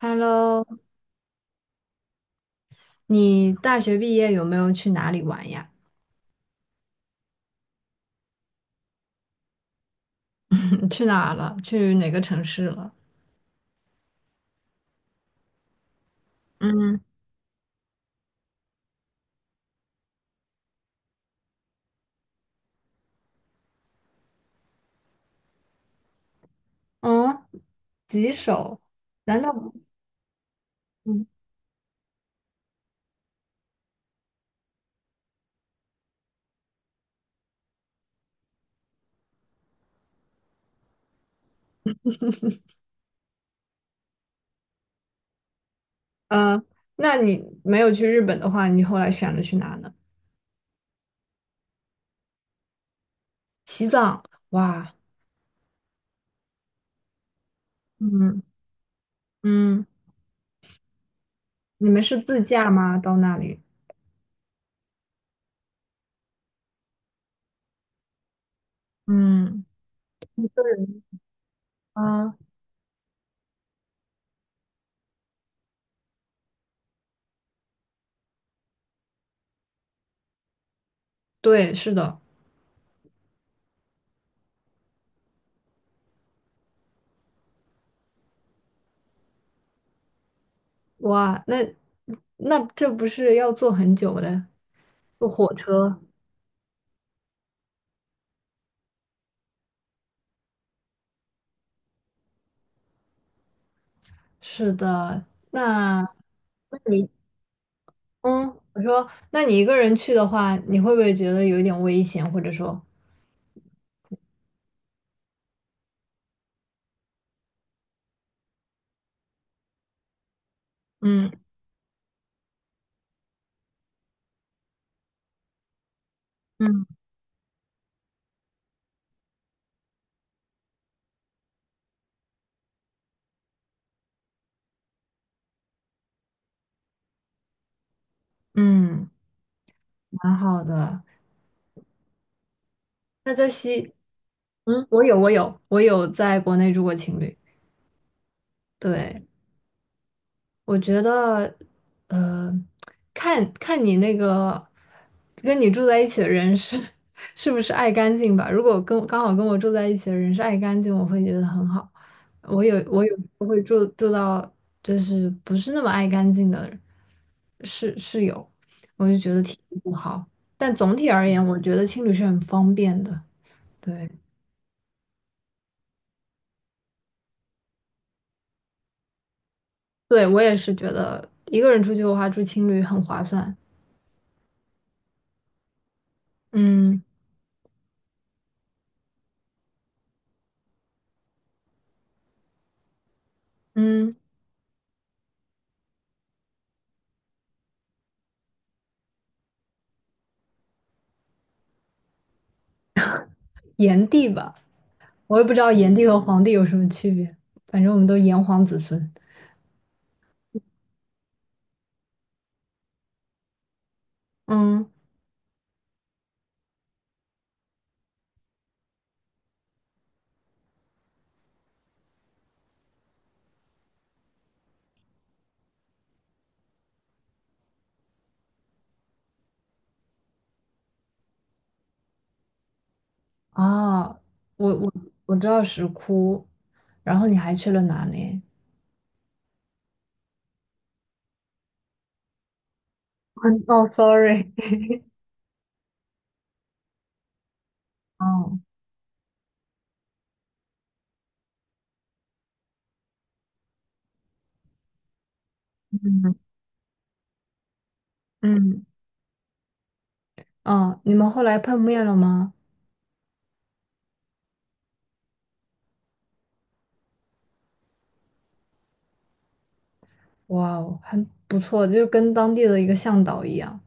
Hello，你大学毕业有没有去哪里玩呀？去哪儿了？去哪个城市了？嗯哦，吉首？难道不？嗯，呃那你没有去日本的话，你后来选了去哪呢？西藏。哇，嗯嗯，你们是自驾吗？到那里？嗯啊，对，是的。哇，那那这不是要坐很久的？坐火车，是的。那那你嗯，我说，那你一个人去的话，你会不会觉得有一点危险，或者说，嗯嗯嗯，蛮好的。那在西，嗯，我有在国内住过情侣，对。我觉得，呃，看看你那个跟你住在一起的人是 是不是爱干净吧。如果跟刚好跟我住在一起的人是爱干净，我会觉得很好。我会住到就是不是那么爱干净的室友，我就觉得挺不好。但总体而言，我觉得青旅是很方便的。对，对我也是觉得一个人出去的话，住青旅很划算。嗯嗯，炎帝吧。我也不知道炎帝和黄帝有什么区别，反正我们都炎黄子孙。嗯，啊，我我我知道石窟，然后你还去了哪里？嗯哦，sorry，哦，嗯嗯，哦，你们后来碰面了吗？哇哦，还不错，就是跟当地的一个向导一样。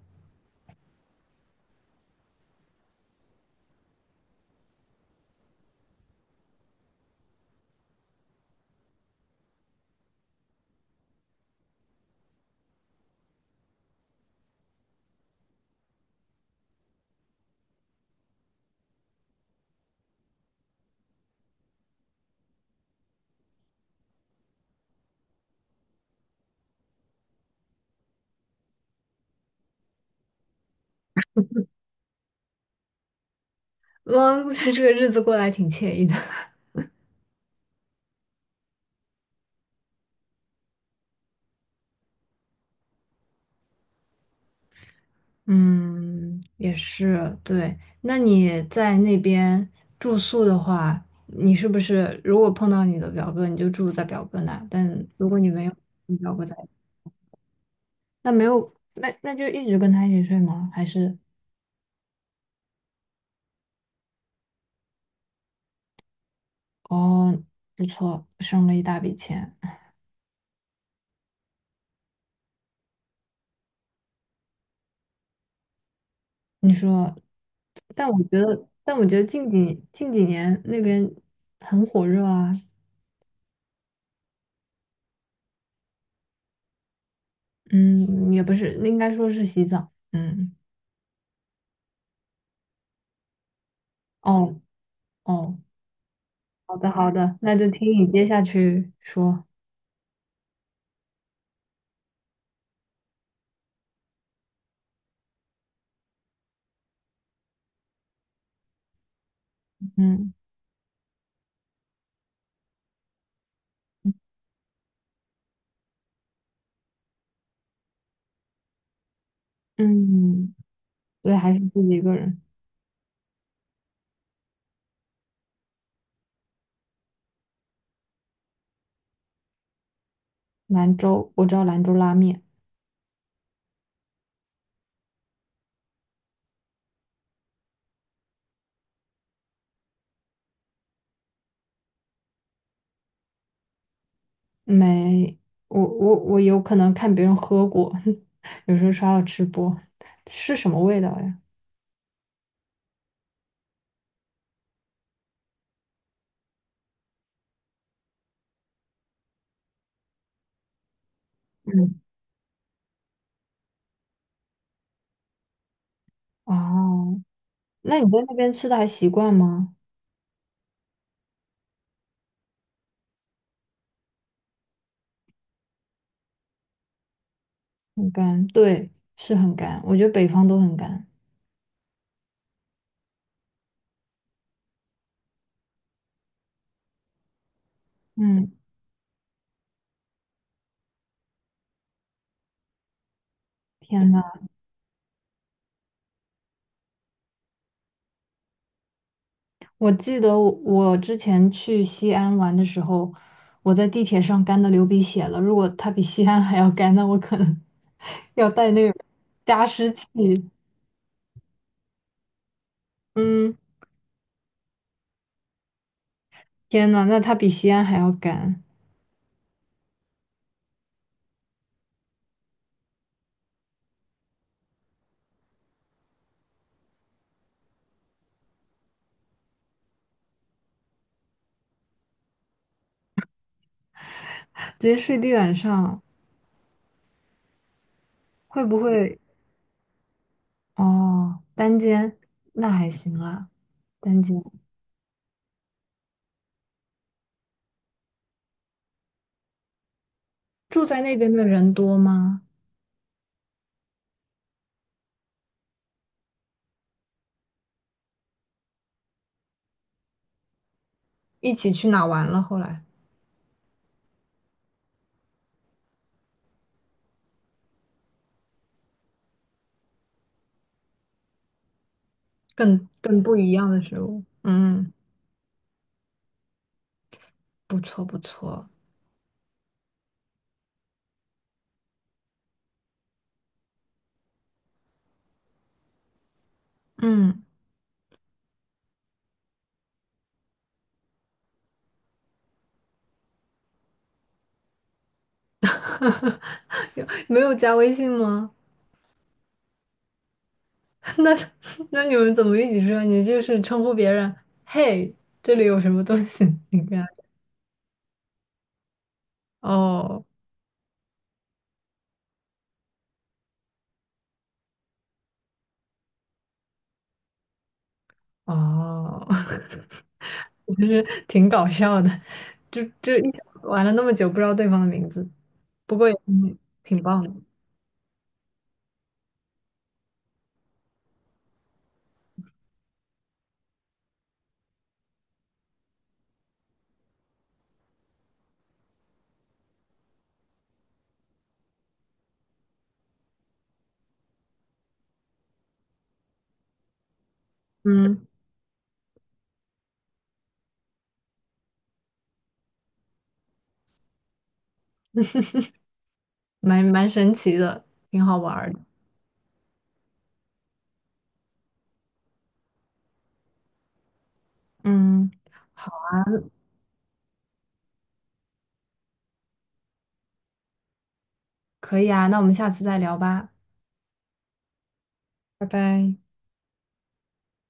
嗯，这个日子过得还挺惬意的。嗯，也是，对。那你在那边住宿的话，你是不是如果碰到你的表哥，你就住在表哥那？但如果你没有，你表哥在，那没有，那就一直跟他一起睡吗？还是哦，不错，省了一大笔钱。你说，但我觉得，但我觉得近几年那边很火热啊。嗯，也不是，应该说是洗澡。嗯，哦哦。好的，好的，那就听你接下去说。嗯嗯，对，还是自己一个人。兰州，我知道兰州拉面，没，我有可能看别人喝过，有时候刷到吃播，是什么味道呀？嗯，哦，那你在那边吃的还习惯吗？很干，对，是很干，我觉得北方都很干。嗯，天呐。我记得我之前去西安玩的时候，我在地铁上干的流鼻血了。如果它比西安还要干，那我可能 要带那个加湿器。嗯，天呐，那它比西安还要干，直接睡地板上会不会？哦，单间那还行啦，单间。住在那边的人多吗？一起去哪玩了？后来更不一样的食物。嗯，不错不错。嗯。有没有加微信吗？那那你们怎么一起说？你就是称呼别人，嘿，这里有什么东西？你跟他哦哦，我就是挺搞笑的，就就一玩了那么久，不知道对方的名字，不过也挺棒的，嗯，蛮神奇的，挺好玩儿的，嗯，好，可以啊，那我们下次再聊吧，拜拜。